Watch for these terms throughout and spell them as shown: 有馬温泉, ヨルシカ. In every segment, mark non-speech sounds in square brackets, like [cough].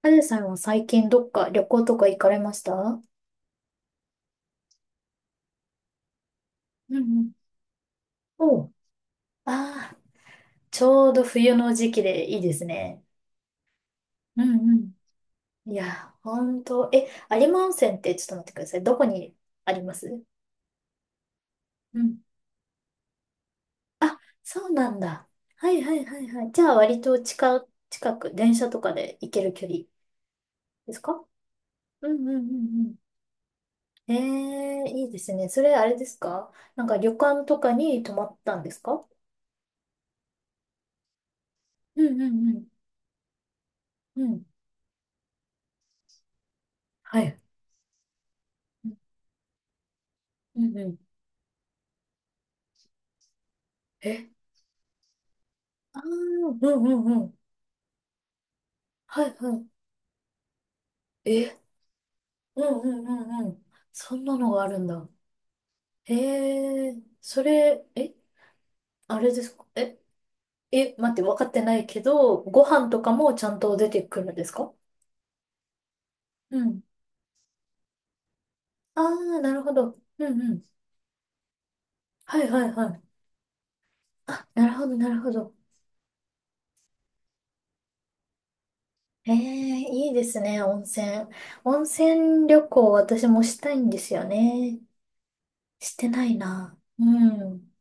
あずさんは最近どっか旅行とか行かれました？うんうん。おう。ああ、ちょうど冬の時期でいいですね。うんうん。いや、ほんと。え、有馬温泉って、ちょっと待ってください。どこにあります？うん。あ、そうなんだ。はいはいはいはい。じゃあ割と近く、電車とかで行ける距離ですか？うんうんうんうん。ええー、いいですね。それあれですか？なんか旅館とかに泊まったんですか？うんうんうんうん。はい。うんうん。え、ああ、うんうんうん。はいはい。え、うんうんうんうん。そんなのがあるんだ。へえ、それ、え、あれですか？え、え、待って、分かってないけど、ご飯とかもちゃんと出てくるんですか？うん。ああ、なるほど。うんうん。はいはいはい。あ、なるほどなるほど。ええ、いいですね、温泉。温泉旅行私もしたいんですよね。してないな。うん。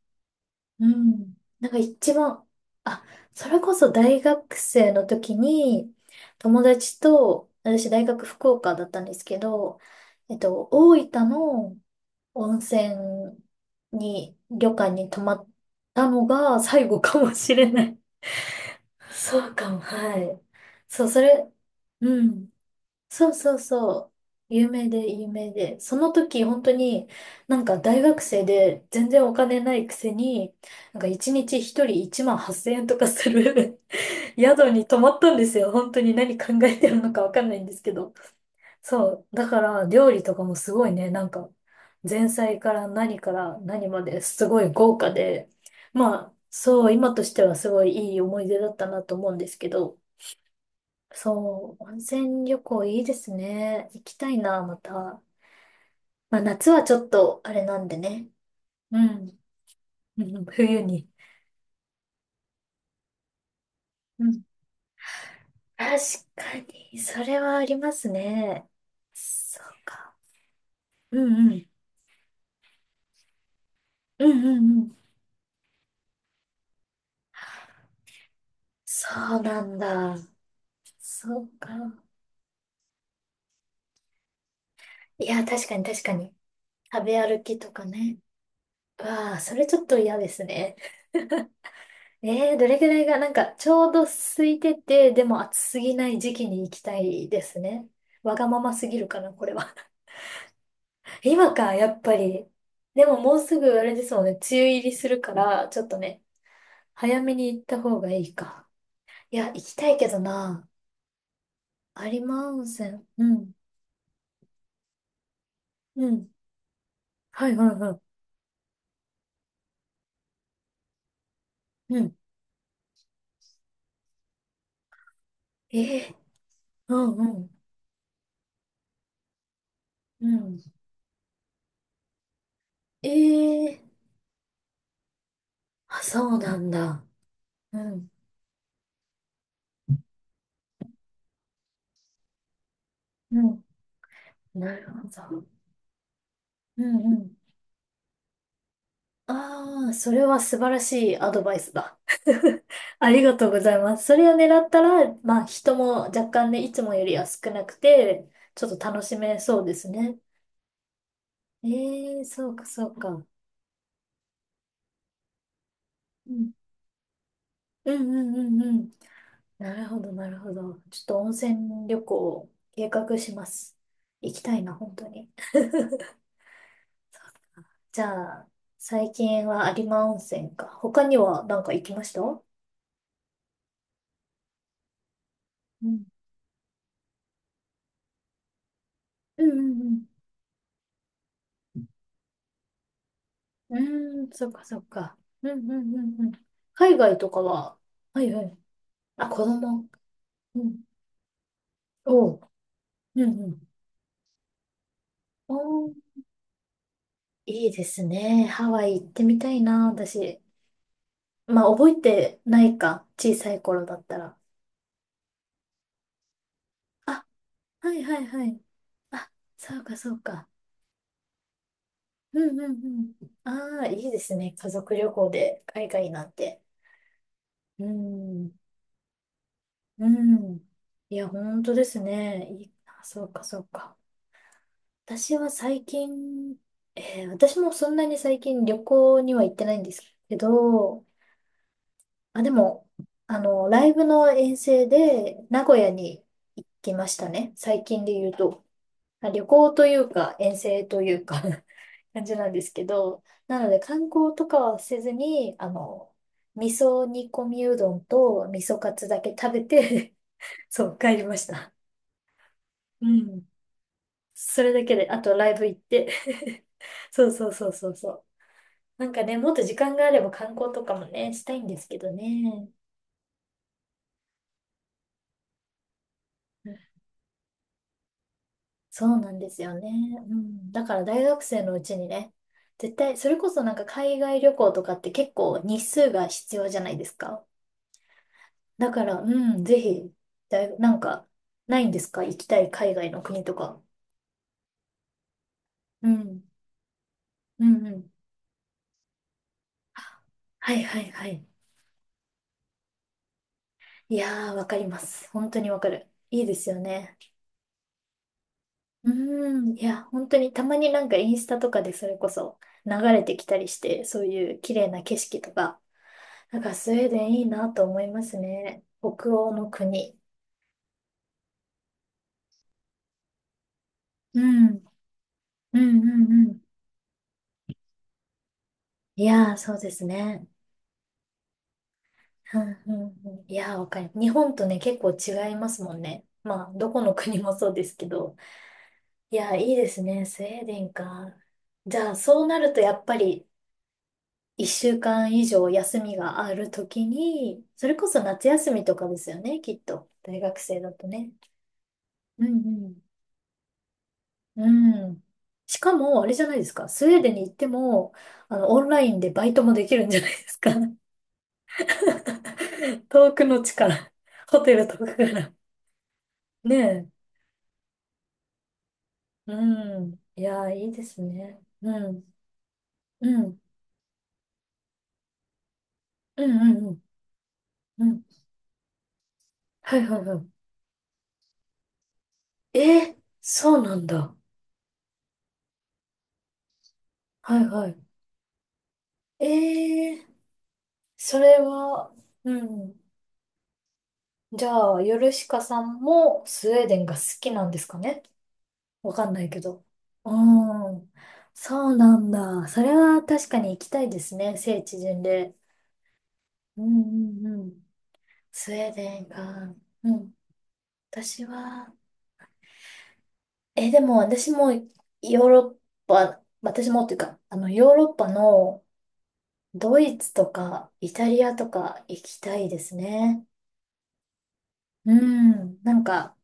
うん。なんか一番、あ、それこそ大学生の時に、友達と、私大学福岡だったんですけど、大分の温泉に、旅館に泊まったのが最後かもしれない。そうかも、はい。そう、それ、うん。そうそうそう。有名で、有名で。その時、本当に、なんか大学生で全然お金ないくせに、なんか一日一人1万8000円とかする [laughs] 宿に泊まったんですよ。本当に何考えてるのかわかんないんですけど。そう。だから、料理とかもすごいね、なんか、前菜から何から何まですごい豪華で、まあ、そう、今としてはすごいいい思い出だったなと思うんですけど、そう、温泉旅行いいですね。行きたいな、また。まあ夏はちょっとあれなんでね。うん。うん。冬に。うん。確かに、それはありますね。そうか。うんうん。うんうんうん。そうなんだ。そうか。いや、確かに確かに。食べ歩きとかね。わあ、それちょっと嫌ですね。どれぐらいが、なんか、ちょうど空いてて、でも暑すぎない時期に行きたいですね。わがまますぎるかな、これは。[laughs] 今か、やっぱり。でももうすぐ、あれですもんね、梅雨入りするから、ちょっとね、早めに行った方がいいか。いや、行きたいけどな。有馬温泉。うん。うん。はいはいはい。うん。ええ。うんうん。うん。ええ。あ、そうなんだ。うん。うん。なるほど。うんうん。ああ、それは素晴らしいアドバイスだ。[laughs] ありがとうございます。それを狙ったら、まあ人も若干ね、いつもよりは少なくて、ちょっと楽しめそうですね。ええ、そうか、そうか。うん、うんうんうんうん。なるほど、なるほど。ちょっと温泉旅行を計画します。行きたいな、本当に。[laughs] じゃあ、最近は有馬温泉か。他には何か行きました？うんうんうんうん。うーん、そっかそっか。うんうんうんうん。海外とかは、はいはい。あ、子供。うん。おう。うんうん。おー、いいですね。ハワイ行ってみたいな、私。まあ、覚えてないか。小さい頃だったら。あ、はいはいはい。あ、そうかそうか。うんうんうん。ああ、いいですね。家族旅行で海外なんて。うん。うん。いや、本当ですね。いい。あ、そうかそうか。私は最近、私もそんなに最近旅行には行ってないんですけど、あ、でも、ライブの遠征で名古屋に行きましたね。最近で言うと。まあ旅行というか、遠征というか [laughs] 感じなんですけど、なので観光とかはせずに、味噌煮込みうどんと味噌カツだけ食べて [laughs] そう、帰りました。うん。それだけで、あとライブ行って [laughs] そうそうそうそうそう。なんかね、もっと時間があれば観光とかもね、したいんですけどね。うん。そうなんですよね。うん。だから大学生のうちにね、絶対、それこそなんか海外旅行とかって結構日数が必要じゃないですか。だから、うん、ぜひ、なんか、ないんですか？行きたい海外の国とか。うん。うんうん。はいはいはい。いやー、わかります。本当にわかる。いいですよね。うーん、いや、本当にたまになんかインスタとかでそれこそ流れてきたりして、そういう綺麗な景色とか、なんかスウェーデンいいなと思いますね。北欧の国。うん、うん、うん、うん。いやー、そうですね。うん、うん、うん。いやー、わかる。日本とね、結構違いますもんね。まあ、どこの国もそうですけど。いやー、いいですね。スウェーデンか。じゃあ、そうなるとやっぱり一週間以上休みがあるときに、それこそ夏休みとかですよね、きっと。大学生だとね。うんうん。うん。しかも、あれじゃないですか。スウェーデンに行っても、オンラインでバイトもできるんじゃないですか？[laughs] 遠くの地から、ホテルとかから。ねえ。うん。いやー、いいですね。うん。うん。うんうんうん。うん。はいはいはい。えー、そうなんだ。はいはい。えー、それは、うん。じゃあ、ヨルシカさんもスウェーデンが好きなんですかね？わかんないけど。うん。そうなんだ。それは確かに行きたいですね。聖地巡礼。うんうんうん。スウェーデンか。うん。私は、え、でも私もヨーロッパ、私もっていうか、ヨーロッパのドイツとかイタリアとか行きたいですね。うん。なんか、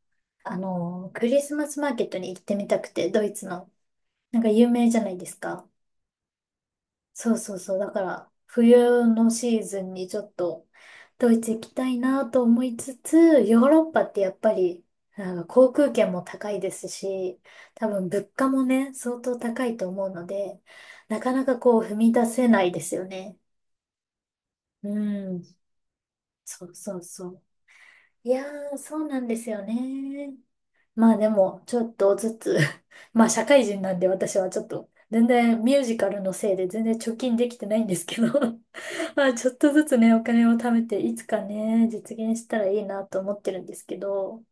クリスマスマーケットに行ってみたくて、ドイツの。なんか有名じゃないですか。そうそうそう。だから、冬のシーズンにちょっと、ドイツ行きたいなと思いつつ、ヨーロッパってやっぱり、なんか航空券も高いですし、多分物価もね、相当高いと思うので、なかなかこう踏み出せないですよね。うん。そうそうそう。いやー、そうなんですよね。まあでも、ちょっとずつ [laughs] まあ社会人なんで私はちょっと、全然ミュージカルのせいで全然貯金できてないんですけど [laughs] まあちょっとずつね、お金を貯めて、いつかね、実現したらいいなと思ってるんですけど、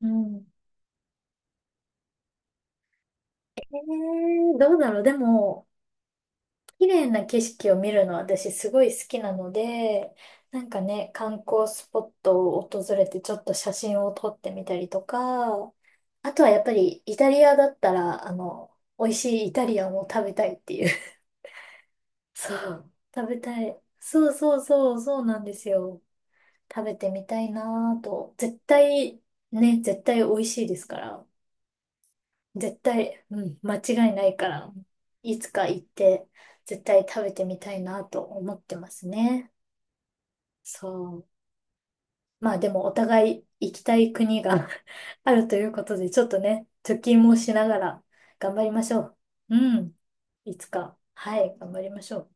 うん。えどうだろう。でも、綺麗な景色を見るのは私すごい好きなので、なんかね、観光スポットを訪れてちょっと写真を撮ってみたりとか、あとはやっぱりイタリアだったら、美味しいイタリアンを食べたいっていう。[laughs] そう。食べたい。そうそうそう、そうなんですよ。食べてみたいなぁと。絶対、ね、絶対美味しいですから。絶対、うん、間違いないから。いつか行って、絶対食べてみたいなぁと思ってますね。そう。まあでもお互い行きたい国が [laughs] あるということで、ちょっとね、貯金もしながら頑張りましょう。うん。いつか。はい、頑張りましょう。